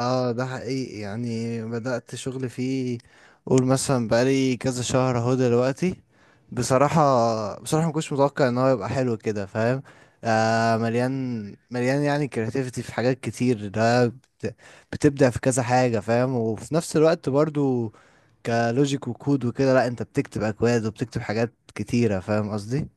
اه، ده حقيقي. يعني بدأت شغل فيه، قول مثلا بقالي كذا شهر اهو دلوقتي. بصراحة ما كنتش متوقع ان هو يبقى حلو كده، فاهم؟ مليان. مليان يعني كرياتيفيتي في حاجات كتير. بتبدع في كذا حاجة فاهم، وفي نفس الوقت برضو كلوجيك وكود وكده. لا انت بتكتب اكواد وبتكتب حاجات كتيرة، فاهم قصدي؟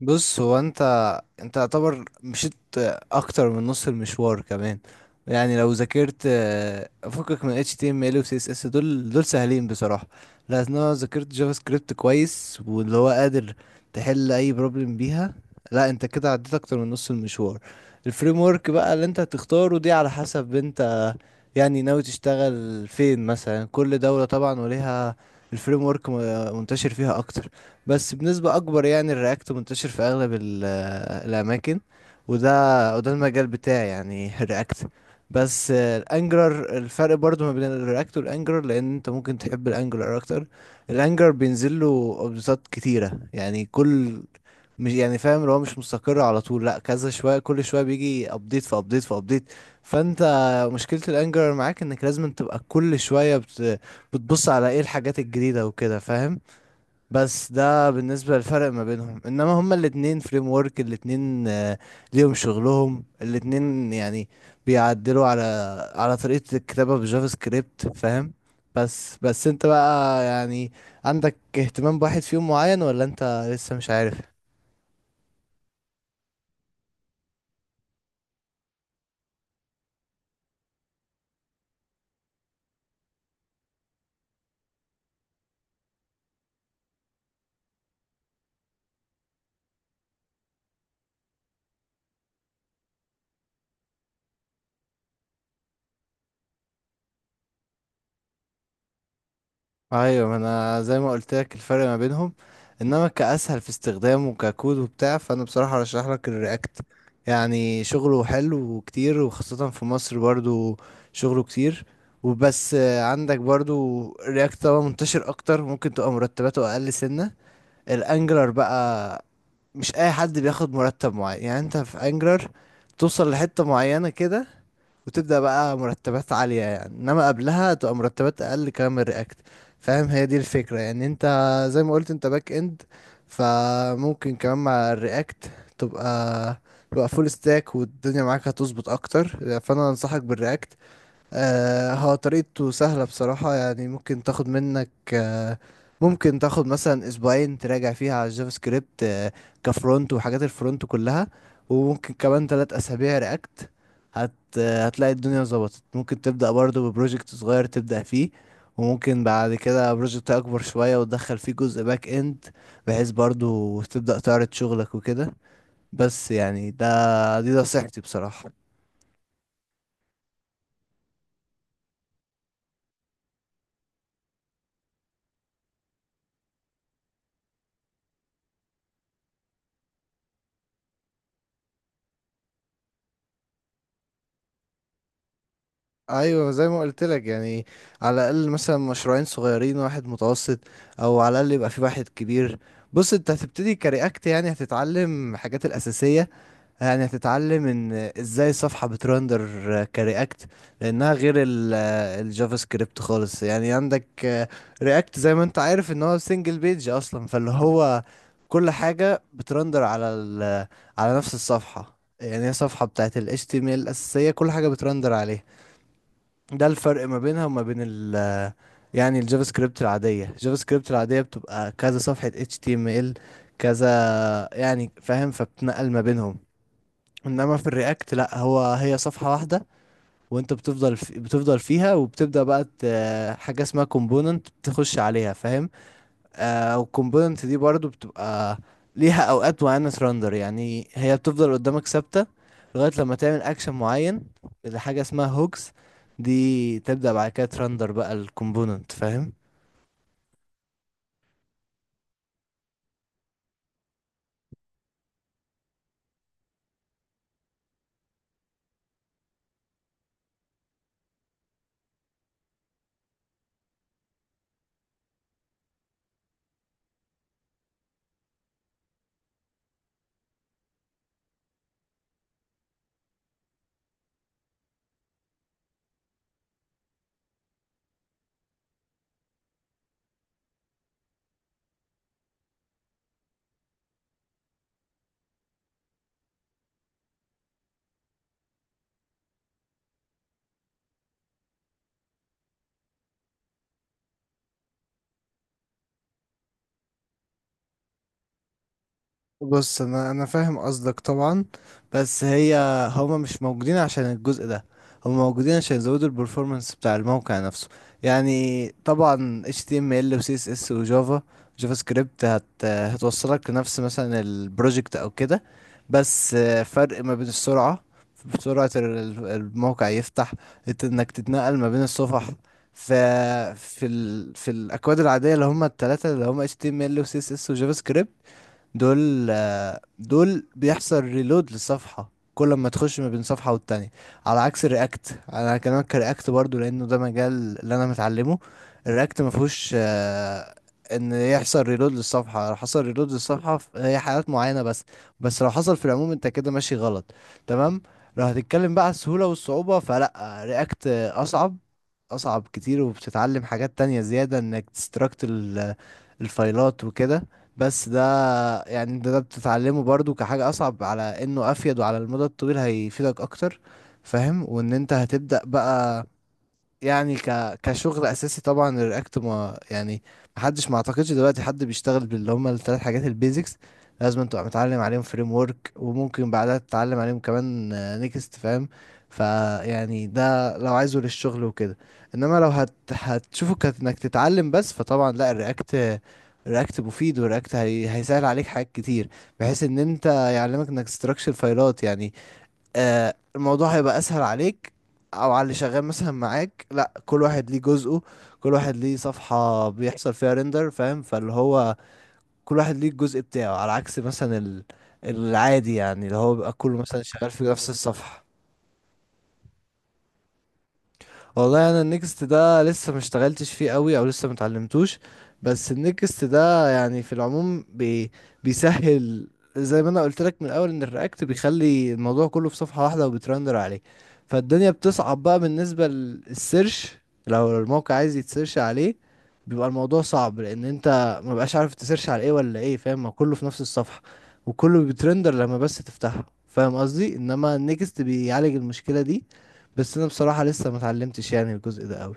بص، هو انت يعتبر مشيت اكتر من نص المشوار كمان. يعني لو ذاكرت فكك من HTML و CSS، دول سهلين بصراحة، لأن انا ذاكرت جافا سكريبت كويس، واللي هو قادر تحل اي بروبلم بيها. لا انت كده عديت اكتر من نص المشوار. الفريم ورك بقى اللي انت هتختاره دي على حسب انت يعني ناوي تشتغل فين. مثلا كل دولة طبعا وليها الفريم ورك منتشر فيها اكتر، بس بنسبة أكبر يعني الرياكت منتشر في أغلب الأماكن. وده المجال بتاعي يعني الرياكت. بس الانجلر، الفرق برضو ما بين الرياكت والانجلر، لان انت ممكن تحب الانجلر اكتر. الانجلر بينزل له ابديتات كتيره يعني مش يعني فاهم اللي هو مش مستقر على طول، لا كذا شويه، كل شويه بيجي ابديت في ابديت في ابديت. فانت مشكله الانجلر معاك انك لازم تبقى كل شويه بتبص على ايه الحاجات الجديده وكده، فاهم؟ بس ده بالنسبة للفرق ما بينهم، انما هما الاتنين فريم ورك. الاتنين ليهم شغلهم الاتنين يعني، بيعدلوا على طريقة الكتابة بالجافا سكريبت، فاهم؟ بس انت بقى يعني عندك اهتمام بواحد فيهم معين، ولا انت لسه مش عارف؟ ايوه، ما انا زي ما قلت لك الفرق ما بينهم. انما كاسهل في استخدامه ككود وبتاع، فانا بصراحه ارشح لك الرياكت. يعني شغله حلو وكتير، وخاصه في مصر برضو شغله كتير. وبس عندك برضو الرياكت طبعا منتشر اكتر، ممكن تبقى مرتباته اقل سنه. الانجلر بقى مش اي حد بياخد مرتب معين، يعني انت في انجلر توصل لحته معينه كده وتبدأ بقى مرتبات عالية، يعني انما قبلها تبقى مرتبات اقل كلام من رياكت. فاهم؟ هي دي الفكرة. يعني انت زي ما قلت انت باك اند، فممكن كمان مع الرياكت تبقى تبقى فول ستاك، والدنيا معاك هتظبط اكتر. فانا انصحك بالرياكت. هو طريقته سهلة بصراحة، يعني ممكن تاخد مثلا اسبوعين تراجع فيها على الجافا سكريبت كفرونت وحاجات الفرونت كلها، وممكن كمان تلات اسابيع رياكت. هت آه، هتلاقي الدنيا ظبطت. ممكن تبدأ برضو ببروجكت صغير تبدأ فيه، وممكن بعد كده بروجكت اكبر شوية وتدخل فيه جزء باك اند، بحيث برضو تبدأ تعرض شغلك وكده. بس يعني دي نصيحتي بصراحة. ايوه زي ما قلت لك يعني على الاقل مثلا مشروعين صغيرين واحد متوسط، او على الاقل يبقى في واحد كبير. بص انت هتبتدي كرياكت، يعني هتتعلم الحاجات الاساسيه. يعني هتتعلم ان ازاي صفحه بترندر كرياكت، لانها غير الجافا سكريبت خالص. يعني عندك رياكت زي ما انت عارف ان هو سنجل بيج اصلا، فاللي هو كل حاجه بترندر على على نفس الصفحه. يعني هي صفحه بتاعت ال HTML الاساسيه، كل حاجه بترندر عليها. ده الفرق ما بينها وما بين يعني الجافا سكريبت العادية. بتبقى كذا صفحة HTML كذا، يعني فاهم، فبتنقل ما بينهم. انما في الرياكت لا، هي صفحة واحدة وانت بتفضل في بتفضل فيها، وبتبدأ بقى حاجة اسمها كومبوننت بتخش عليها، فاهم؟ والكومبوننت دي برضو بتبقى ليها اوقات معينة رندر، يعني هي بتفضل قدامك ثابتة لغاية لما تعمل اكشن معين لحاجة اسمها هوكس، دي تبدأ بعد كده ترندر بقى الكومبوننت، فاهم؟ بص انا فاهم قصدك طبعا، بس هما مش موجودين عشان الجزء ده، هما موجودين عشان يزودوا البرفورمانس بتاع الموقع نفسه. يعني طبعا HTML و CSS و جافا سكريبت هتوصلك لنفس مثلا البروجكت او كده، بس فرق ما بين السرعة، سرعة الموقع يفتح، انك تتنقل ما بين الصفح. ف في الاكواد العاديه اللي هم الثلاثه اللي هم HTML و CSS و جافا سكريبت، دول بيحصل ريلود للصفحة كل ما تخش ما بين صفحة والتانية. على عكس الرياكت، انا هكلمك كرياكت برضو لانه ده مجال اللي انا متعلمه، الرياكت ما فيهوش ان يحصل ريلود للصفحة. لو حصل ريلود للصفحة هي حالات معينة بس، بس لو حصل في العموم انت كده ماشي غلط. تمام؟ لو هتتكلم بقى على السهولة والصعوبة، فلا، رياكت اصعب اصعب كتير، وبتتعلم حاجات تانية زيادة انك تستراكت الفايلات وكده. بس ده يعني ده بتتعلمه برضو كحاجة أصعب على إنه أفيد، وعلى المدى الطويل هيفيدك أكتر، فاهم. وإن أنت هتبدأ بقى يعني كشغل اساسي، طبعا الرياكت. ما يعني محدش، ما اعتقدش دلوقتي حد بيشتغل باللي هم الثلاث حاجات البيزكس، لازم تبقى متعلم عليهم فريم ورك، وممكن بعدها تتعلم عليهم كمان نيكست، فاهم؟ فيعني ده لو عايزه للشغل وكده. انما لو هتشوفه كانك تتعلم بس، فطبعا لا، الرياكت. الرياكت مفيد، والرياكت هيسهل عليك حاجات كتير بحيث ان انت يعلمك انك تستراكشر فايلات. يعني الموضوع هيبقى اسهل عليك او على اللي شغال مثلا معاك. لا، كل واحد ليه جزءه، كل واحد ليه صفحة بيحصل فيها ريندر، فاهم؟ فاللي هو كل واحد ليه الجزء بتاعه، على عكس مثلا العادي يعني اللي هو بيبقى كله مثلا شغال في نفس الصفحة. والله انا النكست ده لسه ما اشتغلتش فيه قوي، او لسه ما اتعلمتوش. بس النكست ده يعني في العموم بيسهل. زي ما انا قلت لك من الاول ان الرياكت بيخلي الموضوع كله في صفحة واحدة وبترندر عليه، فالدنيا بتصعب بقى بالنسبة للسيرش. لو الموقع عايز يتسيرش عليه، بيبقى الموضوع صعب لان انت ما بقاش عارف تسيرش على ايه ولا ايه، فاهم؟ ما كله في نفس الصفحة وكله بيترندر لما بس تفتحه، فاهم قصدي؟ انما النكست بيعالج المشكلة دي، بس انا بصراحة لسه ما اتعلمتش يعني الجزء ده قوي.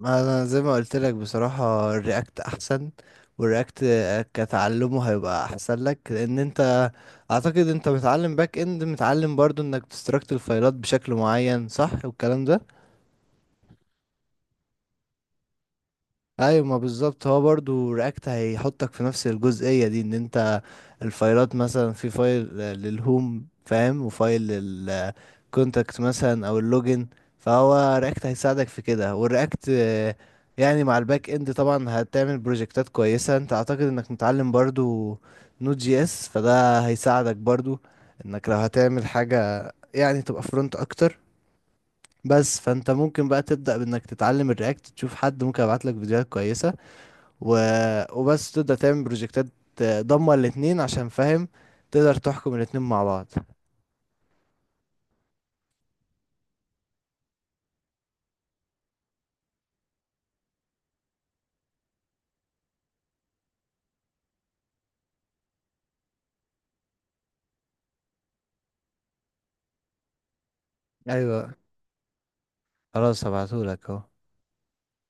انا زي ما قلت لك بصراحة الرياكت احسن. والرياكت كتعلمه هيبقى احسن لك، لان انت اعتقد انت متعلم باك اند، متعلم برضو انك تستركت الفايلات بشكل معين، صح؟ والكلام ده ايوه، ما بالظبط هو برضو رياكت هيحطك في نفس الجزئية دي، ان انت الفايلات مثلا في فايل للهوم، فاهم، وفايل كونتاكت مثلا او اللوجن. فهو رياكت هيساعدك في كده. والرياكت يعني مع الباك اند طبعا هتعمل بروجكتات كويسة. انت اعتقد انك متعلم برضو Node.js، فده هيساعدك برضو انك لو هتعمل حاجة يعني تبقى فرونت اكتر بس. فانت ممكن بقى تبدأ بانك تتعلم الرياكت، تشوف حد ممكن ابعت لك فيديوهات كويسة و... وبس تبدأ تعمل بروجكتات ضمه الاتنين عشان فاهم تقدر تحكم الاتنين مع بعض. ايوه خلاص، هبعتهولك اهو.